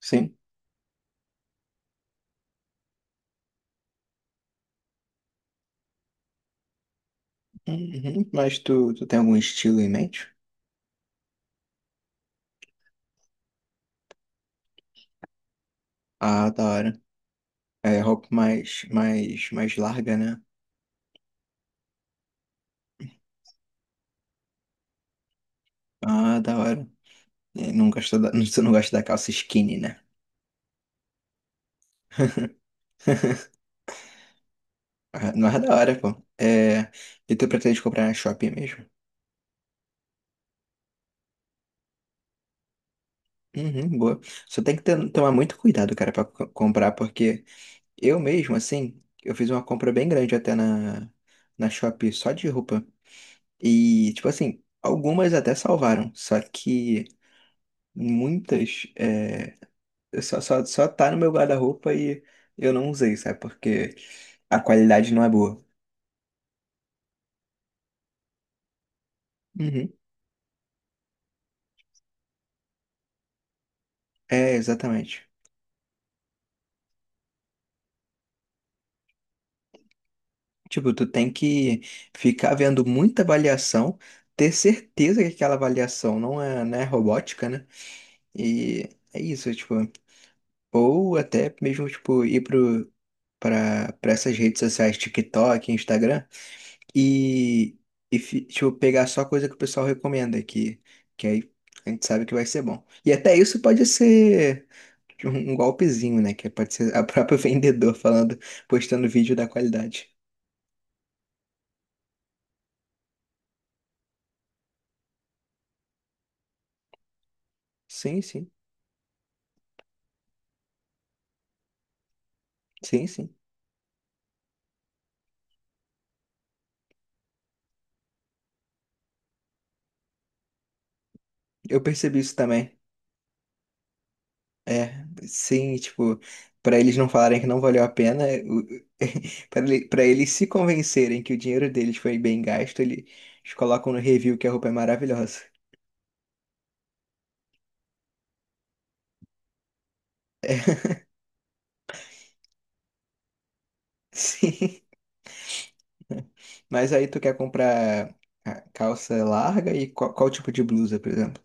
Sim. Uhum. Mas tu tem algum estilo em mente? Ah, da hora. É roupa mais larga, né? Ah, da hora. E Não gosta da, Tu não gosta da calça skinny, né? Ah, não é da hora, pô. É, e tu pretende comprar na Shopee mesmo? Uhum, boa. Só tem que tomar muito cuidado, cara, pra comprar, porque eu mesmo, assim, eu fiz uma compra bem grande até na Shopee só de roupa. E, tipo assim, algumas até salvaram, só que muitas só tá no meu guarda-roupa e eu não usei, sabe? Porque a qualidade não é boa. Uhum. É, exatamente. Tipo, tu tem que ficar vendo muita avaliação, ter certeza que aquela avaliação não é, né robótica, né? E é isso, tipo, ou até mesmo, tipo, ir pra essas redes sociais, TikTok, Instagram. E, deixa eu pegar só coisa que o pessoal recomenda aqui, que aí a gente sabe que vai ser bom. E até isso pode ser um golpezinho, né? Que é, pode ser a própria vendedor falando, postando vídeo da qualidade. Sim, sim, sim, sim. Eu percebi isso também. É, sim, tipo, para eles não falarem que não valeu a pena, para eles se convencerem que o dinheiro deles foi bem gasto, eles colocam no review que a roupa é maravilhosa. Sim. Mas aí tu quer comprar a calça larga e qual tipo de blusa, por exemplo?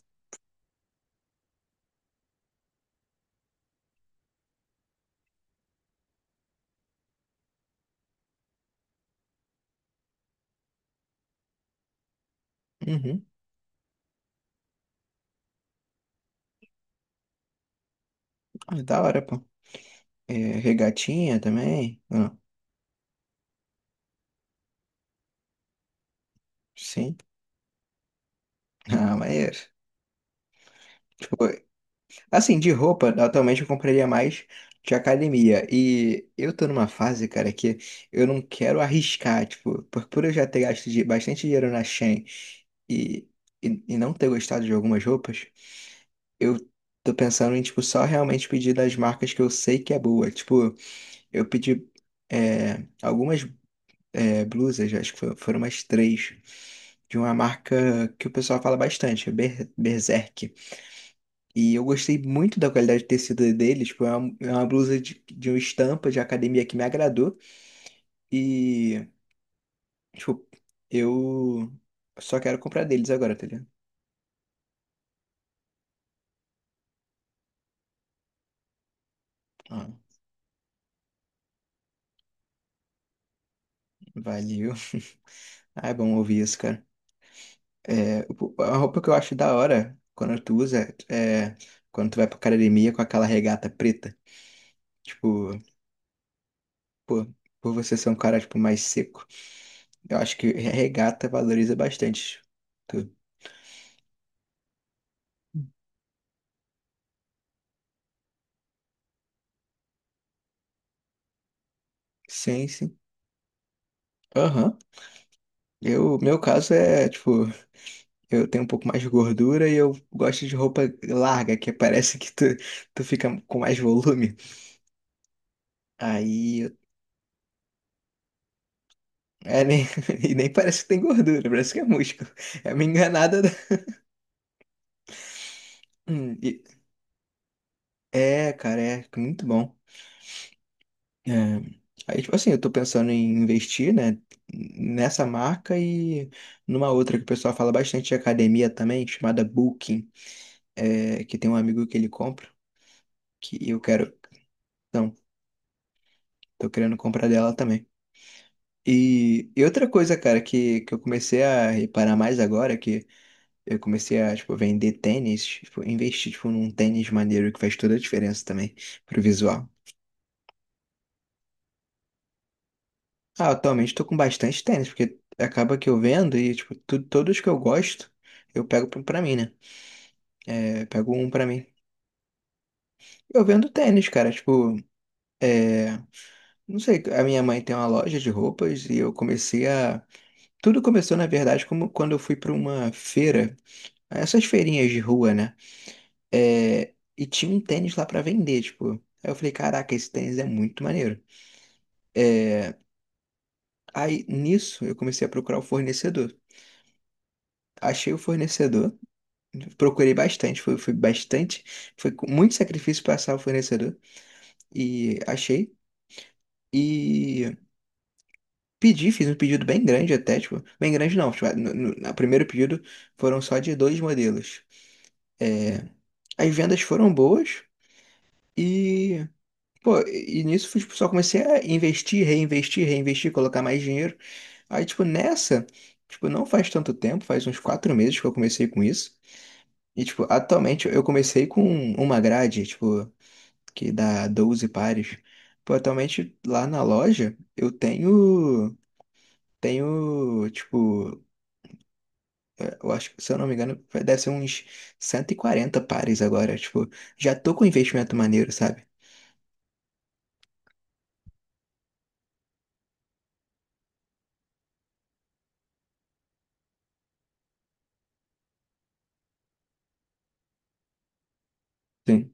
Uhum. Ah, da hora, pô. É, regatinha também? Ah, sim. Ah, maneiro. Tipo, assim, de roupa, atualmente eu compraria mais de academia. E eu tô numa fase, cara, que eu não quero arriscar, tipo, por eu já ter gasto bastante dinheiro na Shein e, e não ter gostado de algumas roupas, eu tô pensando em, tipo, só realmente pedir das marcas que eu sei que é boa. Tipo, eu pedi algumas blusas, acho que foram umas três, de uma marca que o pessoal fala bastante, Berserk. E eu gostei muito da qualidade de tecido deles, tipo, é uma blusa de uma estampa de academia que me agradou. E, tipo, eu só quero comprar deles agora, tá ligado? Ah, valeu. Ah, é bom ouvir isso, cara. É, a roupa que eu acho da hora quando tu usa é quando tu vai pra academia com aquela regata preta. Tipo. Pô, por você ser um cara, tipo, mais seco. Eu acho que regata valoriza bastante. Tu. Sim, sim. Aham. Eu, meu caso é, tipo, eu tenho um pouco mais de gordura e eu gosto de roupa larga, que parece que tu fica com mais volume. Aí, eu- nem, e nem parece que tem gordura, parece que é músculo. É uma enganada. Hum, e- Cara, é muito bom. É, aí, tipo assim, eu tô pensando em investir, né, nessa marca e numa outra que o pessoal fala bastante de academia também, chamada Booking, que tem um amigo que ele compra, que eu quero, então, tô querendo comprar dela também. E outra coisa, cara, que eu comecei a reparar mais agora, que eu comecei a, tipo, vender tênis, tipo, investir, tipo, num tênis maneiro que faz toda a diferença também pro visual. Ah, atualmente tô com bastante tênis, porque acaba que eu vendo e, tipo, todos que eu gosto, eu pego pra mim, né? É, pego um pra mim. Eu vendo tênis, cara, tipo, é, não sei, a minha mãe tem uma loja de roupas e eu comecei a... Tudo começou, na verdade, como quando eu fui pra uma feira, essas feirinhas de rua, né? É, e tinha um tênis lá pra vender, tipo. Aí eu falei, caraca, esse tênis é muito maneiro. Aí, nisso, eu comecei a procurar o fornecedor. Achei o fornecedor. Procurei bastante, foi, bastante, foi com muito sacrifício para achar o fornecedor e achei. E pedi, fiz um pedido bem grande até, tipo, bem grande não, tipo, no primeiro pedido foram só de dois modelos. É, as vendas foram boas e, pô, e nisso tipo, só comecei a investir, reinvestir, reinvestir, colocar mais dinheiro. Aí, tipo, nessa, tipo, não faz tanto tempo, faz uns 4 meses que eu comecei com isso. E, tipo, atualmente eu comecei com uma grade, tipo, que dá 12 pares. Pô, atualmente lá na loja eu tenho, tipo, eu acho que, se eu não me engano, deve ser uns 140 pares agora. Tipo, já tô com um investimento maneiro, sabe? Sim.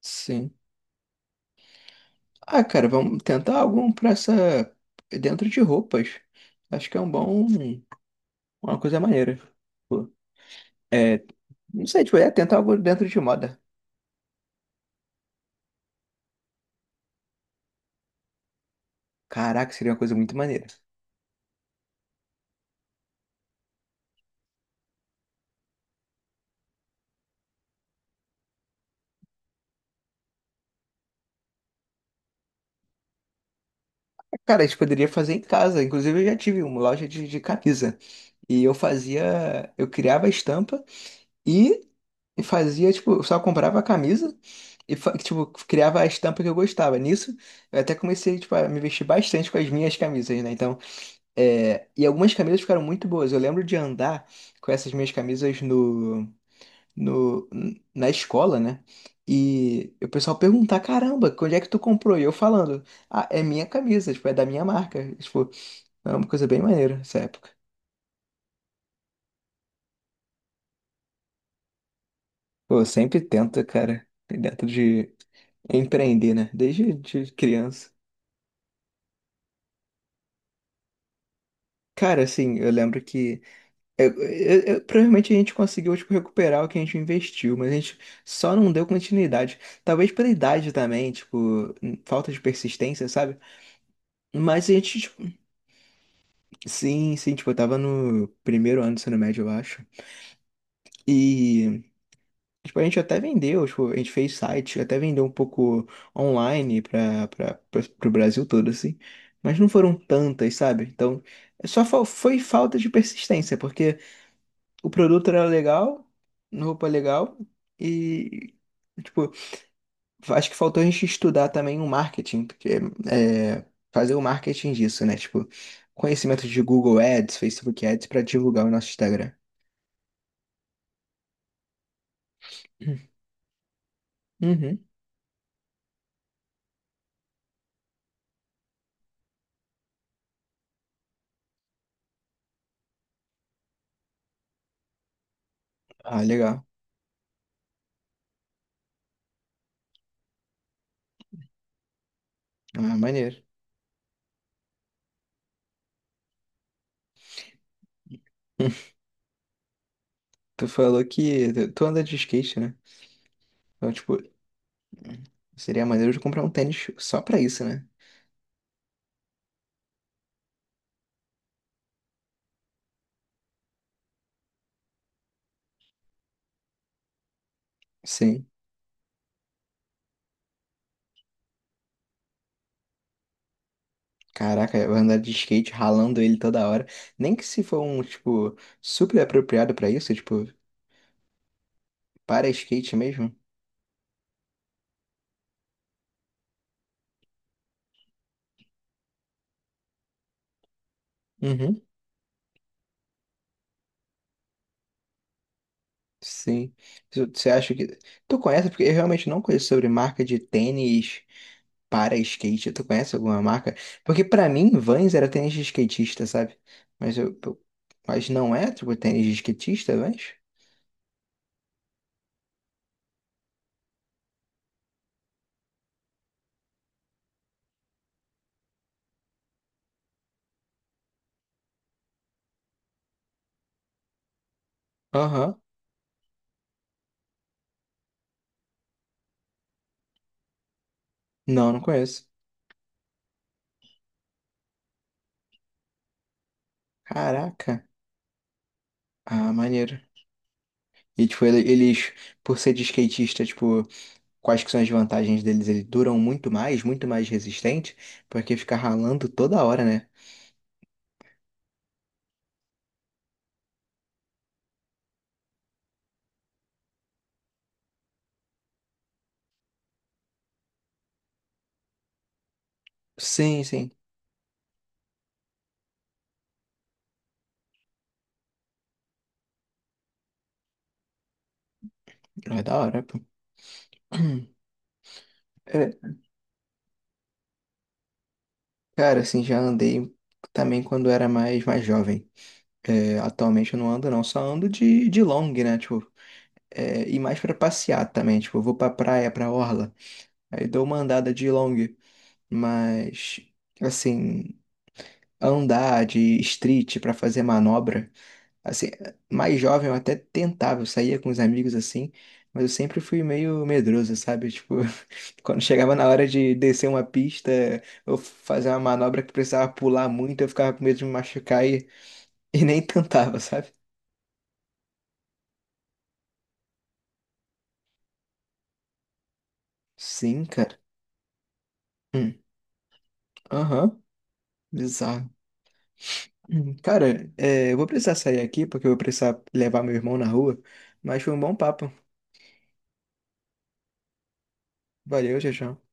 Sim. Ah, cara, vamos tentar algum pra essa. Dentro de roupas. Acho que é um bom. Uma coisa maneira. Pô, É, não sei, tipo, é tentar algo dentro de moda. Caraca, seria uma coisa muito maneira. Cara, a gente poderia fazer em casa. Inclusive, eu já tive uma loja de camisa. E eu fazia. Eu criava a estampa e fazia, tipo, eu só comprava a camisa e, tipo, criava a estampa que eu gostava. Nisso, eu até comecei, tipo, a me vestir bastante com as minhas camisas, né? Então, e algumas camisas ficaram muito boas. Eu lembro de andar com essas minhas camisas no, no, na escola, né? E o pessoal perguntar, caramba, onde é que tu comprou? E eu falando, ah, é minha camisa, tipo, é da minha marca. Tipo, é uma coisa bem maneira essa época. Pô, eu sempre tento, cara, dentro de empreender, né? Desde de criança. Cara, assim, eu lembro que provavelmente a gente conseguiu, tipo, recuperar o que a gente investiu, mas a gente só não deu continuidade. Talvez pela idade também, tipo, falta de persistência, sabe? Mas a gente, tipo, sim, sim, tipo, eu tava no primeiro ano do ensino médio, eu acho. E tipo, a gente até vendeu, tipo, a gente fez site, até vendeu um pouco online para o Brasil todo, assim. Mas não foram tantas, sabe? Então, foi falta de persistência, porque o produto era legal, roupa legal, e, tipo, acho que faltou a gente estudar também o marketing, porque é, fazer o marketing disso, né? Tipo, conhecimento de Google Ads, Facebook Ads, para divulgar o nosso Instagram. Uhum. Ah, legal. Ah, maneiro. Tu falou que tu anda de skate, né? Então, tipo, seria maneiro de comprar um tênis só pra isso, né? Sim. Caraca, vai andar de skate ralando ele toda hora. Nem que se for um, tipo, super apropriado pra isso, tipo, para skate mesmo. Uhum. Sim. Você acha que. Tu conhece? Porque eu realmente não conheço sobre marca de tênis para skate. Tu conhece alguma marca? Porque pra mim, Vans era tênis de skatista, sabe? Mas eu. eu- Mas não é, tipo, tênis de skatista, Vans? Aham. Não, não conheço. Caraca. Ah, maneiro. E, tipo, eles, por ser de skatista, tipo, quais que são as vantagens deles? Eles duram muito mais resistente, porque fica ralando toda hora, né? Sim, sim. É da hora, pô. É, cara, assim, já andei também quando era mais jovem. É, atualmente eu não ando, não. Só ando de long, né? Tipo, e mais pra passear também. Tipo, eu vou pra praia, pra orla. Aí dou uma andada de long. Mas, assim, andar de street pra fazer manobra. Assim, mais jovem eu até tentava, eu saía com os amigos assim, mas eu sempre fui meio medroso, sabe? Tipo, quando chegava na hora de descer uma pista ou fazer uma manobra que precisava pular muito, eu ficava com medo de me machucar e, e nem tentava, sabe? Sim, cara. Hum, Aham, bizarro. Cara, eu vou precisar sair aqui porque eu vou precisar levar meu irmão na rua, mas foi um bom papo. Valeu, tchau, tchau.